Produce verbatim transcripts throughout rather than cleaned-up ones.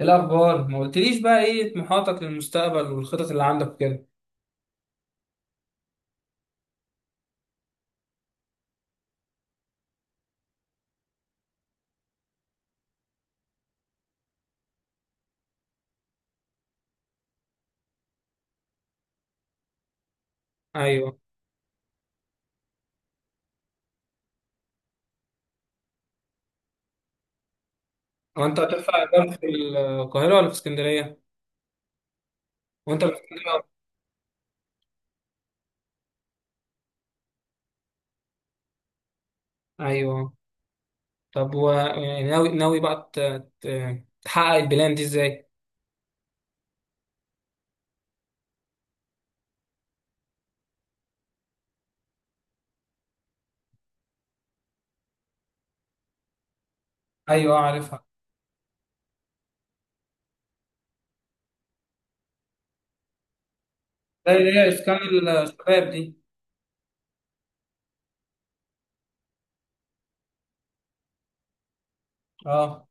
إيه الأخبار؟ ما قلتليش بقى إيه طموحاتك للمستقبل والخطط اللي عندك كده؟ أيوه. هو أنت هترفع إقامة في القاهرة ولا في اسكندرية؟ وأنت في اسكندرية؟ أيوه. طب، و يعني ناوي ناوي بقى ت- ت- تحقق البلان دي إزاي؟ أيوه، آه، عارفها. زي اللي هي إسكان الشباب دي. أه،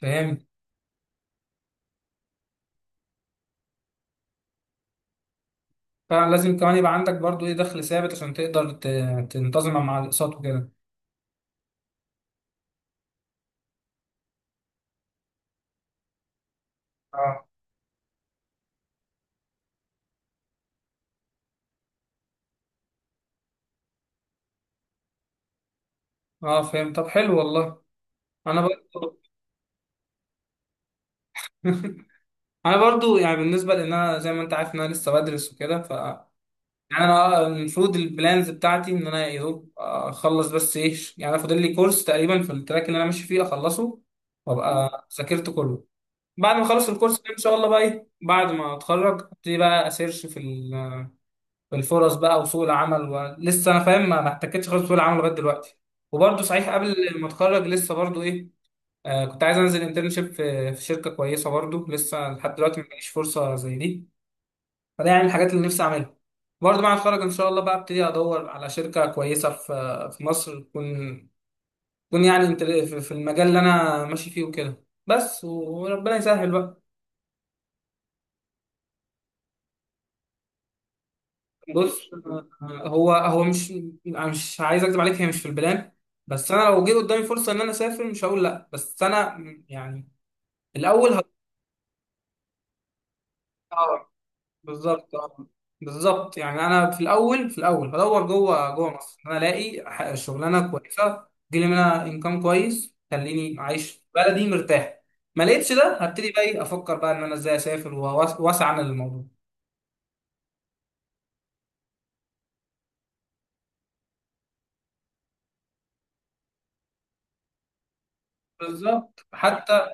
فهمت. فلازم كمان يبقى عندك برضو إيه دخل ثابت عشان تقدر ت- تنتظم مع الأقساط وكده. أه. أه، فهمت. طب، حلو والله. أنا برضو. انا برضو، يعني بالنسبه لان انا زي ما انت عارف ان انا لسه بدرس وكده، ف يعني، انا اه المفروض البلانز بتاعتي ان انا يا دوب اخلص، بس ايه، يعني انا فاضل لي كورس تقريبا في التراك اللي انا ماشي فيه اخلصه مم. وابقى ذاكرت كله. بعد ما اخلص الكورس ده ان شاء الله، بقى ايه، بعد ما اتخرج ابتدي بقى اسيرش في ال- في الفرص بقى وسوق العمل، ولسه انا فاهم ما ما احتكتش خالص في سوق العمل لغايه دلوقتي. وبرضو صحيح قبل ما اتخرج لسه برضو ايه، آه كنت عايز انزل انترنشيب في في شركه كويسه، برضو لسه لحد دلوقتي ما جاليش فرصه زي دي. فده يعني الحاجات اللي نفسي اعملها. برضه بعد ما اتخرج ان شاء الله بقى ابتدي ادور على شركه كويسه في في مصر، تكون تكون يعني انت- في في المجال اللي انا ماشي فيه وكده، بس وربنا يسهل بقى. بص. آه، هو هو مش، أنا مش عايز اكذب عليك، هي مش في البلان. بس انا لو جه قدامي فرصه ان انا اسافر مش هقول لا، بس انا يعني الاول. بالظبط آه. بالظبط، يعني انا في الاول في الاول بدور جوه جوه مصر، انا الاقي ح- شغلانه كويسه تجيلي منها انكم كويس، تخليني عايش في بلدي مرتاح. ما لقيتش ده هبتدي بقى، إيه، افكر بقى ان انا ازاي اسافر، وأوس- واسعى للموضوع. بالظبط، حتى.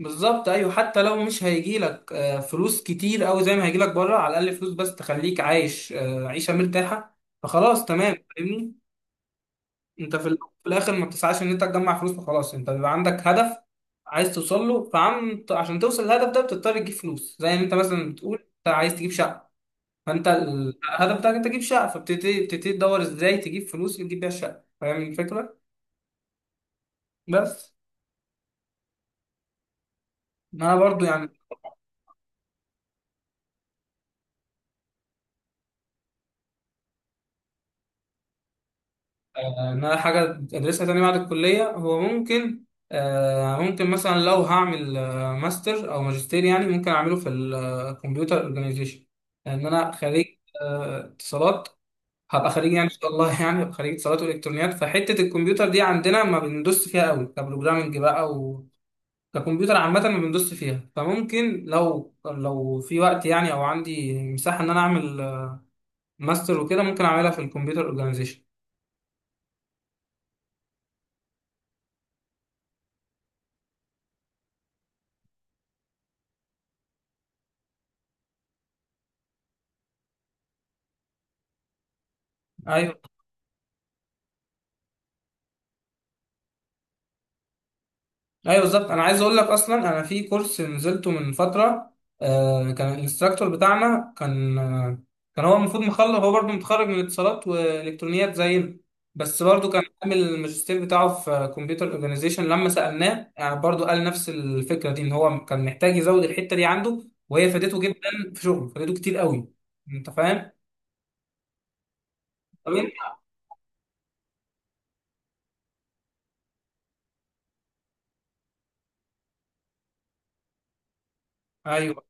بالظبط، ايوه، حتى لو مش هيجي لك آه، فلوس كتير قوي زي ما هيجي لك بره، على الاقل فلوس بس تخليك عايش آه، عيشه مرتاحه. فخلاص تمام، فاهمني. انت في ال- في الاخر ما بتسعاش ان انت تجمع فلوس وخلاص، انت بيبقى عندك هدف عايز توصل له، فعم عشان توصل للهدف ده بتضطر تجيب فلوس، زي ما انت مثلا بتقول انت عايز تجيب شقه، فانت الهدف بتاعك انت تجيب شقه، فبتبتدي بتبتدي تدور ازاي تجيب فلوس اللي تجيب بيها الشقه، فاهم الفكره. بس. ما انا برضو يعني. آه، ان انا حاجه ادرسها تاني بعد الكليه، هو ممكن، آه، ممكن مثلا لو هعمل آه، ماستر او ماجستير، يعني ممكن اعمله في الكمبيوتر اورجانيزيشن. لان انا خريج، آه، اتصالات. هبقى خريج يعني ان شاء الله، يعني هبقى خريج اتصالات والكترونيات. فحته الكمبيوتر دي عندنا ما بندوس فيها قوي كبروجرامنج بقى، و ككمبيوتر عامه ما بندوس فيها، فممكن لو لو في وقت يعني، او عندي مساحه ان انا اعمل ماستر وكده، ممكن اعملها في الكمبيوتر اورجانيزيشن. ايوه بالظبط، انا عايز اقول لك اصلا، انا في كورس نزلته من فتره، آه كان الانستراكتور بتاعنا كان، آه كان هو المفروض مخلص، هو برضه متخرج من اتصالات والكترونيات زينا، بس برضه كان عامل الماجستير بتاعه في كمبيوتر اورجانيزيشن، لما سالناه يعني برضه قال نفس الفكره دي، ان هو كان محتاج يزود الحته دي عنده. وهي فادته جدا في شغله، فادته كتير قوي. انت فاهم؟ طب إنت- ايوه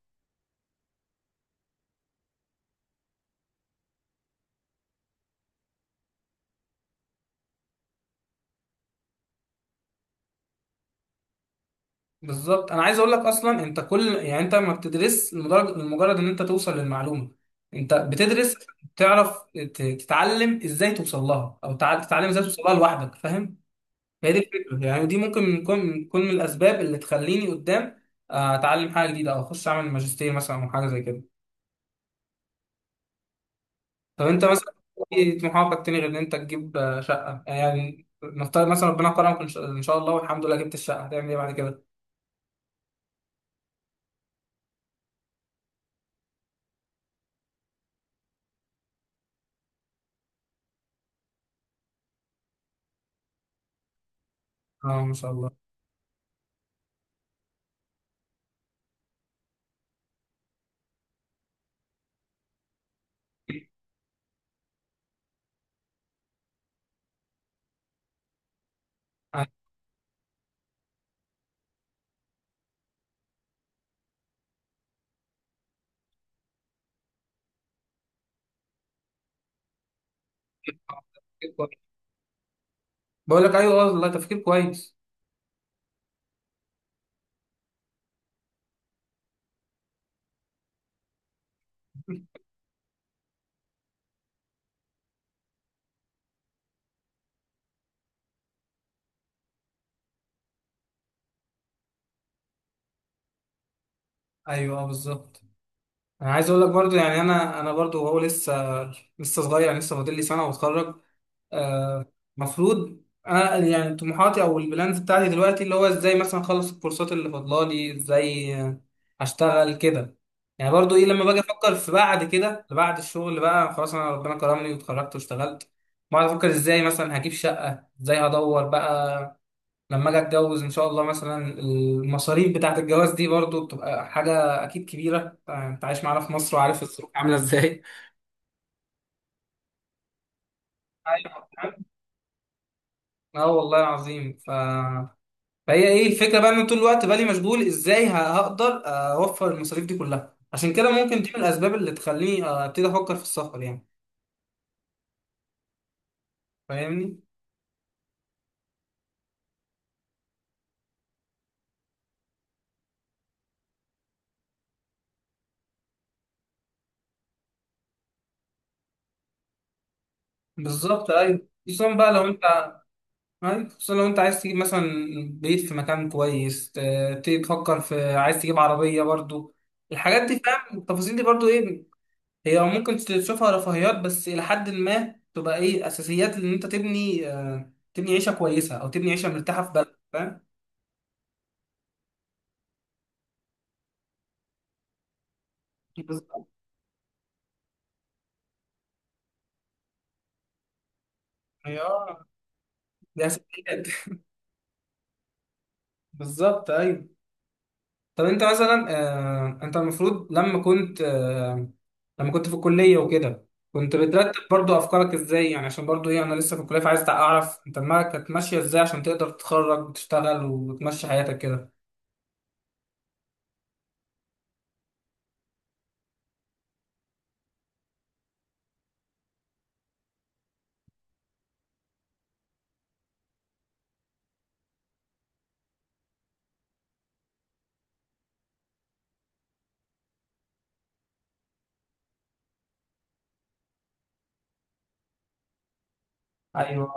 بالظبط، انا عايز اقول لك اصلا انت كل، يعني انت ما بتدرس لمجرد لمجرد ان انت توصل للمعلومه. انت بتدرس تعرف ت- تتعلم ازاي توصل لها، او تع- تتعلم ازاي توصل لها لوحدك، فاهم. هي دي الفكره يعني، ودي ممكن تكون تكون من الاسباب اللي تخليني قدام آه، اتعلم حاجه جديده، او اخش اعمل ماجستير مثلا، او حاجه زي كده. طب انت مثلا، ايه طموحاتك تاني غير ان انت تجيب آه، شقه؟ يعني نفترض مثلا ربنا كرمك ان شاء إن شاء الله والحمد لله جبت الشقه، هتعمل ايه بعد كده؟ اه، ما شاء الله. بقول لك ايوه والله، تفكير كويس. ايوه، آه، بالظبط. انا عايز اقول لك برضو، يعني انا انا برضو هو لسه، لسه صغير، يعني لسه فاضل لي سنه واتخرج. آه، المفروض انا، يعني طموحاتي او البلانز بتاعتي دلوقتي، اللي هو ازاي مثلا اخلص الكورسات اللي فاضلالي، ازاي آه، اشتغل كده. يعني برضو ايه، لما باجي افكر في بعد كده، بعد الشغل بقى، خلاص انا ربنا كرمني واتخرجت واشتغلت، بقعد افكر ازاي مثلا هجيب شقه، ازاي هدور بقى. لما اجي اتجوز ان شاء الله، مثلا المصاريف بتاعت الجواز دي برضو بتبقى حاجه اكيد كبيره، آه، انت عايش معانا في مصر وعارف الظروف عامله ازاي. ايوه. اه والله العظيم. ف... فهي ايه الفكره بقى، ان طول الوقت بالي مشغول، ازاي ه- هقدر اوفر المصاريف دي كلها، عشان كده ممكن دي من الاسباب اللي تخليني آه، ابتدي افكر في السفر يعني. فاهمني. بالظبط ايوه، خصوصا بقى لو انت، أيوة، خصوصا لو انت عايز تجيب مثلا بيت في مكان كويس، ت- تبتدي تفكر في عايز تجيب عربية برضو. الحاجات دي فاهم، التفاصيل دي برضو ايه، هي ممكن تشوفها رفاهيات، بس إلى حد ما تبقى ايه أساسيات، إن أنت تبني آه، تبني عيشة كويسة أو تبني عيشة مرتاحة في بلد، فاهم. بالظبط. هي آه، دي أساسيات. بالظبط أيوة. طب انت مثلا آه، انت المفروض لما كنت آه، لما كنت في الكليه وكده، كنت بترتب برضو افكارك ازاي، يعني عشان برضو ايه، انا لسه في الكليه فعايز اعرف انت دماغك كانت ماشيه ازاي عشان تقدر تتخرج وتشتغل وتمشي حياتك كده. ايوه.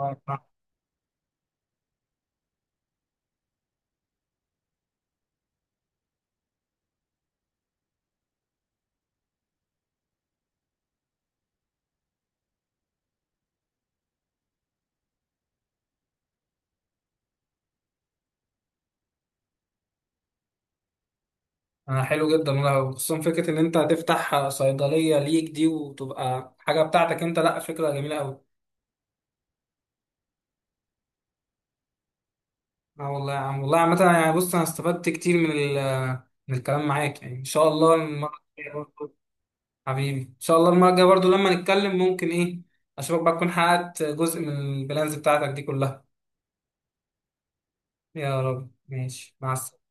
انا حلو جدا والله، وخصوصا فكره ان انت هتفتح صيدليه ليك دي وتبقى حاجه بتاعتك انت، لا فكره جميله قوي. اه والله يا عم، والله عامه، يعني بص انا استفدت كتير من ال- من الكلام معاك، يعني ان شاء الله المره الجايه، حبيبي ان شاء الله المره الجايه برضو لما نتكلم ممكن، ايه اشوفك بقى تكون حققت جزء من البلانز بتاعتك دي كلها. يا رب، ماشي مع السلامه.